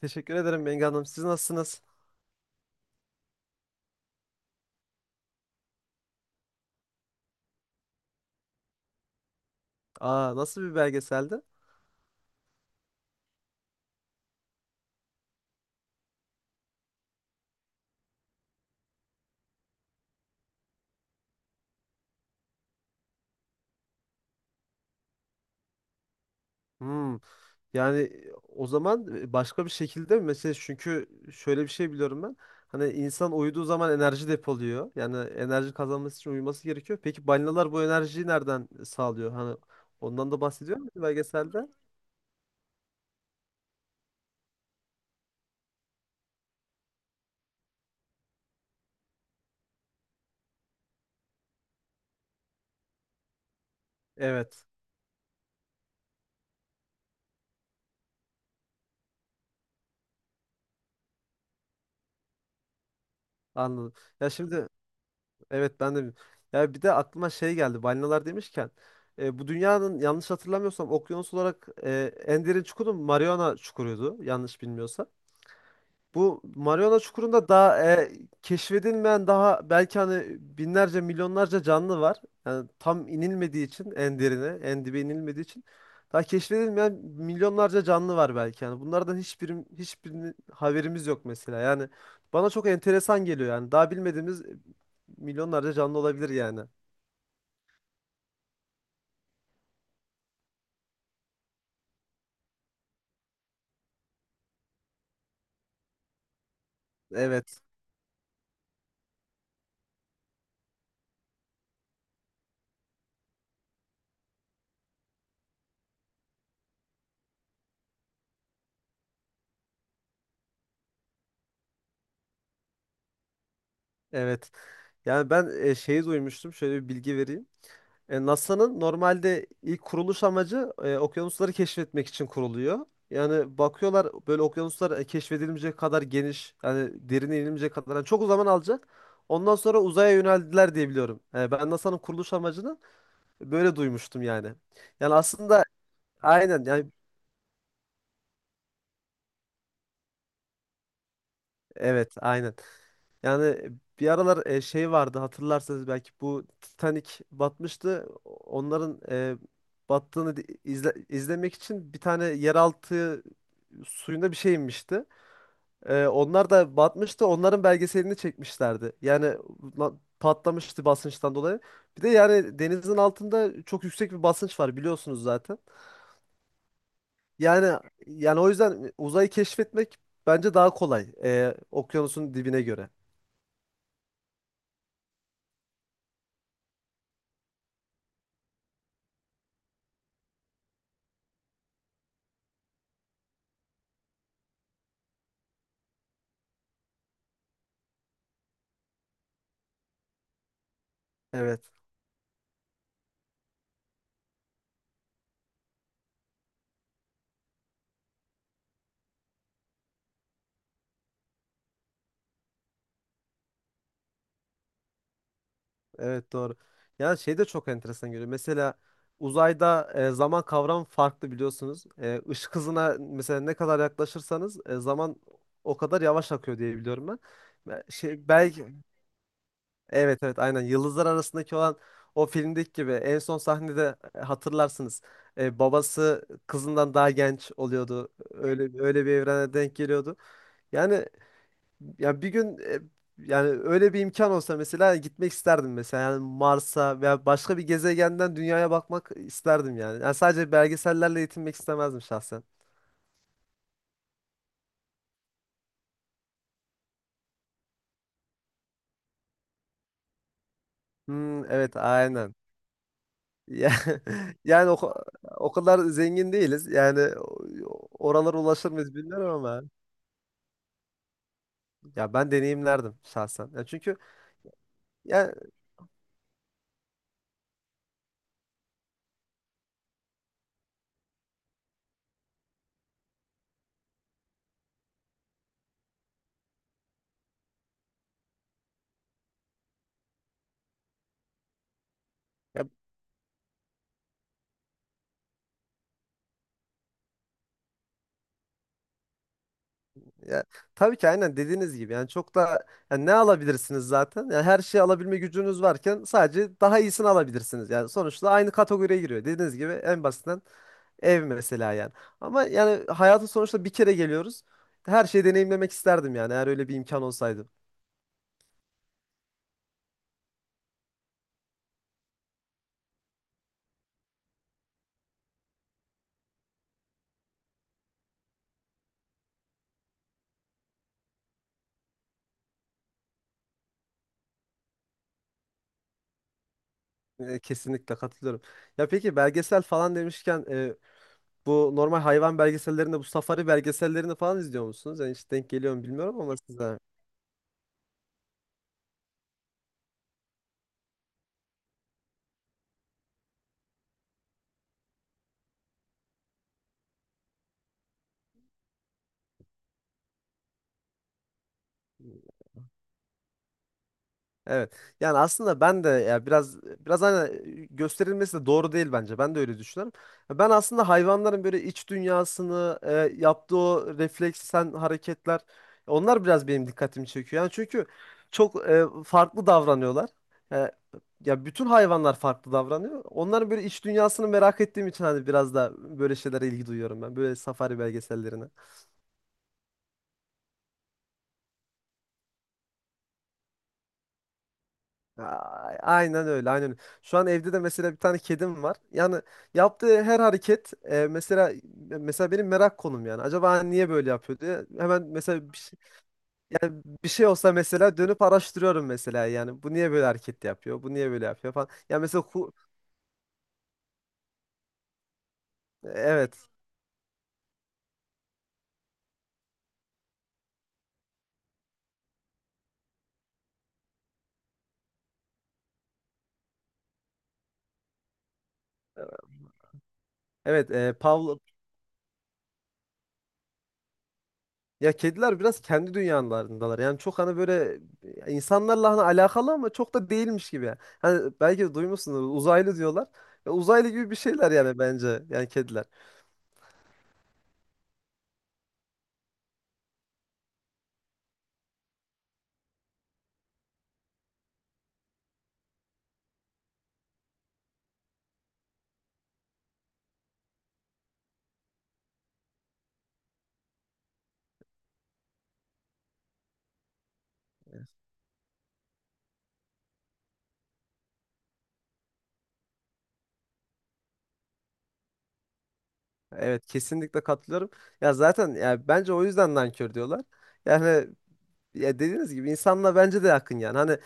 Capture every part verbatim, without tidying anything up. Teşekkür ederim Bengi Hanım. Siz nasılsınız? Aa, nasıl bir belgeseldi? Hmm. Yani e, o zaman e, başka bir şekilde mi? Mesela çünkü şöyle bir şey biliyorum ben. Hani insan uyuduğu zaman enerji depoluyor. Yani enerji kazanması için uyuması gerekiyor. Peki balinalar bu enerjiyi nereden sağlıyor? Hani ondan da bahsediyor mu belgeselde? Evet. Anladım. Ya şimdi Evet ben de, ya bir de aklıma şey geldi balinalar demişken, e, bu dünyanın yanlış hatırlamıyorsam okyanus olarak e, en derin çukuru Mariana çukuruydu yanlış bilmiyorsam. Bu Mariana Çukuru'nda daha e, keşfedilmeyen daha belki hani binlerce milyonlarca canlı var. Yani tam inilmediği için en derine, en dibe inilmediği için daha keşfedilmeyen milyonlarca canlı var belki yani. Bunlardan hiçbir hiçbirinin haberimiz yok mesela. Yani bana çok enteresan geliyor yani. Daha bilmediğimiz e, milyonlarca canlı olabilir yani. Evet. Evet. Yani ben e, şeyi duymuştum. Şöyle bir bilgi vereyim. E, N A S A'nın normalde ilk kuruluş amacı e, okyanusları keşfetmek için kuruluyor. Yani bakıyorlar böyle okyanuslar e, keşfedilmeyecek kadar geniş, yani derine inilmeyecek kadar yani çok zaman alacak. Ondan sonra uzaya yöneldiler diye biliyorum. E, ben N A S A'nın kuruluş amacını böyle duymuştum yani. Yani aslında aynen yani, evet aynen. Yani bir aralar e, şey vardı hatırlarsanız belki, bu Titanic batmıştı. Onların e, battığını di- izle- izlemek için bir tane yeraltı suyunda bir şey inmişti. E, onlar da batmıştı. Onların belgeselini çekmişlerdi. Yani la- patlamıştı basınçtan dolayı. Bir de yani denizin altında çok yüksek bir basınç var biliyorsunuz zaten. Yani yani o yüzden e, uzayı keşfetmek bence daha kolay, e, okyanusun dibine göre. Evet. Evet doğru. Yani şey de çok enteresan geliyor. Mesela uzayda e, zaman kavramı farklı biliyorsunuz. E, ışık hızına mesela ne kadar yaklaşırsanız e, zaman o kadar yavaş akıyor diye biliyorum ben. Be- Şey, belki evet evet aynen, yıldızlar arasındaki olan o filmdeki gibi en son sahnede e, hatırlarsınız. E, babası kızından daha genç oluyordu. Öyle öyle bir evrene denk geliyordu. Yani ya bir gün, e, yani öyle bir imkan olsa mesela gitmek isterdim mesela, yani Mars'a veya başka bir gezegenden dünyaya bakmak isterdim yani. Yani sadece belgesellerle yetinmek istemezdim şahsen. Hmm, evet aynen. Ya, yani o, ka- o kadar zengin değiliz. Yani o- oralara ulaşır mıyız bilmiyorum ama ya ben deneyimlerdim şahsen. Ya çünkü ya, ya Ya, tabii ki aynen dediğiniz gibi yani çok da, yani ne alabilirsiniz zaten? Yani her şeyi alabilme gücünüz varken sadece daha iyisini alabilirsiniz. Yani sonuçta aynı kategoriye giriyor. Dediğiniz gibi en basitinden ev mesela yani. Ama yani hayatın sonuçta bir kere geliyoruz. Her şeyi deneyimlemek isterdim yani, eğer öyle bir imkan olsaydı. E, Kesinlikle katılıyorum. Ya peki belgesel falan demişken, e, bu normal hayvan belgesellerinde, bu safari belgesellerini falan izliyor musunuz? Yani hiç denk geliyor mu bilmiyorum ama size. Evet. Yani aslında ben de, ya biraz biraz hani gösterilmesi de doğru değil bence. Ben de öyle düşünüyorum. Ben aslında hayvanların böyle iç dünyasını, e, yaptığı o refleksen hareketler, onlar biraz benim dikkatimi çekiyor. Yani çünkü çok e, farklı davranıyorlar. E, ya bütün hayvanlar farklı davranıyor. Onların böyle iç dünyasını merak ettiğim için hani biraz da böyle şeylere ilgi duyuyorum ben. Böyle safari belgesellerine. ay, Aynen öyle, aynen öyle. Şu an evde de mesela bir tane kedim var. Yani yaptığı her hareket e, mesela mesela benim merak konum yani. Acaba hani niye böyle yapıyor diye. Hemen mesela bir, şey bir şey olsa mesela dönüp araştırıyorum mesela yani. Bu niye böyle hareket yapıyor? Bu niye böyle yapıyor falan. Ya mesela ku- evet. Evet, e, Pavlov, ya kediler biraz kendi dünyalarındalar. Yani çok hani böyle insanlarla hani alakalı ama çok da değilmiş gibi. Hani belki de duymuşsunuz uzaylı diyorlar. Ya uzaylı gibi bir şeyler yani bence yani kediler. Evet kesinlikle katılıyorum. Ya zaten ya bence o yüzden nankör diyorlar. Yani ya dediğiniz gibi insanla bence de yakın yani. Hani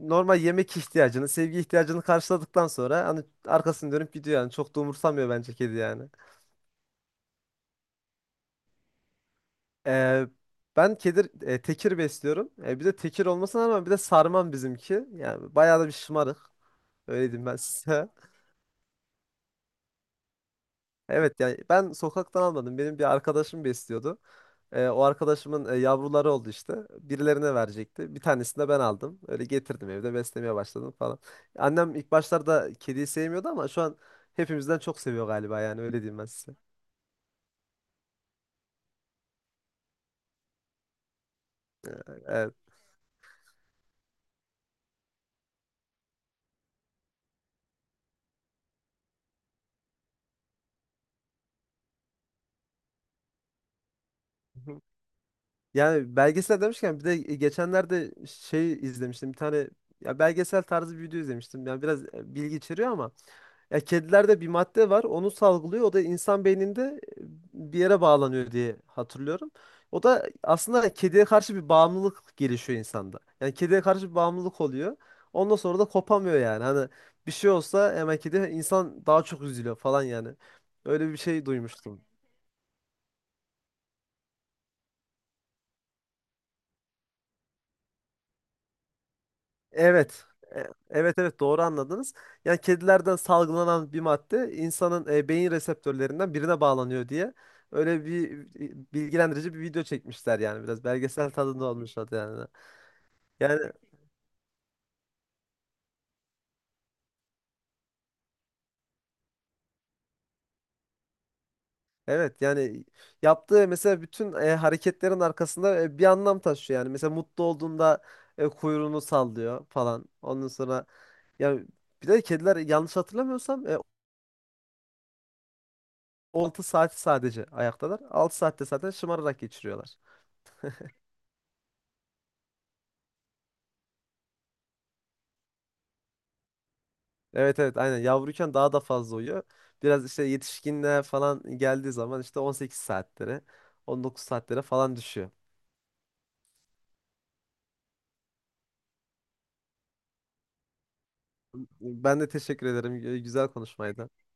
normal yemek ihtiyacını, sevgi ihtiyacını karşıladıktan sonra hani arkasını dönüp gidiyor yani. Çok da umursamıyor bence kedi yani. Ee, ben kedir e, tekir besliyorum. E, bir de tekir olmasına rağmen bir de sarmam bizimki. Yani bayağı da bir şımarık. Öyle diyeyim ben size. Evet yani ben sokaktan almadım. Benim bir arkadaşım besliyordu. Ee, o arkadaşımın e, yavruları oldu işte. Birilerine verecekti. Bir tanesini de ben aldım. Öyle getirdim, evde beslemeye başladım falan. Annem ilk başlarda kediyi sevmiyordu ama şu an hepimizden çok seviyor galiba, yani öyle diyeyim ben size. Evet. Yani belgesel demişken bir de geçenlerde şey izlemiştim. Bir tane ya belgesel tarzı bir video izlemiştim. Yani biraz e, bilgi içeriyor ama, ya kedilerde bir madde var, onu salgılıyor. O da insan beyninde bir yere bağlanıyor diye hatırlıyorum. O da aslında kediye karşı bir bağımlılık gelişiyor insanda. Yani kediye karşı bir bağımlılık oluyor. Ondan sonra da kopamıyor yani. Hani bir şey olsa hemen kedi insan daha çok üzülüyor falan yani. Öyle bir şey duymuştum. Evet. E- Evet evet doğru anladınız. Yani kedilerden salgılanan bir madde insanın e, beyin reseptörlerinden birine bağlanıyor diye, öyle bir e, bilgilendirici bir video çekmişler, yani biraz belgesel tadında olmuş adı yani. Yani evet yani, yaptığı mesela bütün e, hareketlerin arkasında e, bir anlam taşıyor yani. Mesela mutlu olduğunda e, kuyruğunu sallıyor falan. Ondan sonra yani, bir de kediler yanlış hatırlamıyorsam e, altı saati sadece ayaktalar. altı saatte zaten şımararak geçiriyorlar. Evet evet aynen yavruyken daha da fazla uyuyor. Biraz işte yetişkinliğe falan geldiği zaman işte on sekiz saatlere, on dokuz saatlere falan düşüyor. Ben de teşekkür ederim. Güzel konuşmaydı.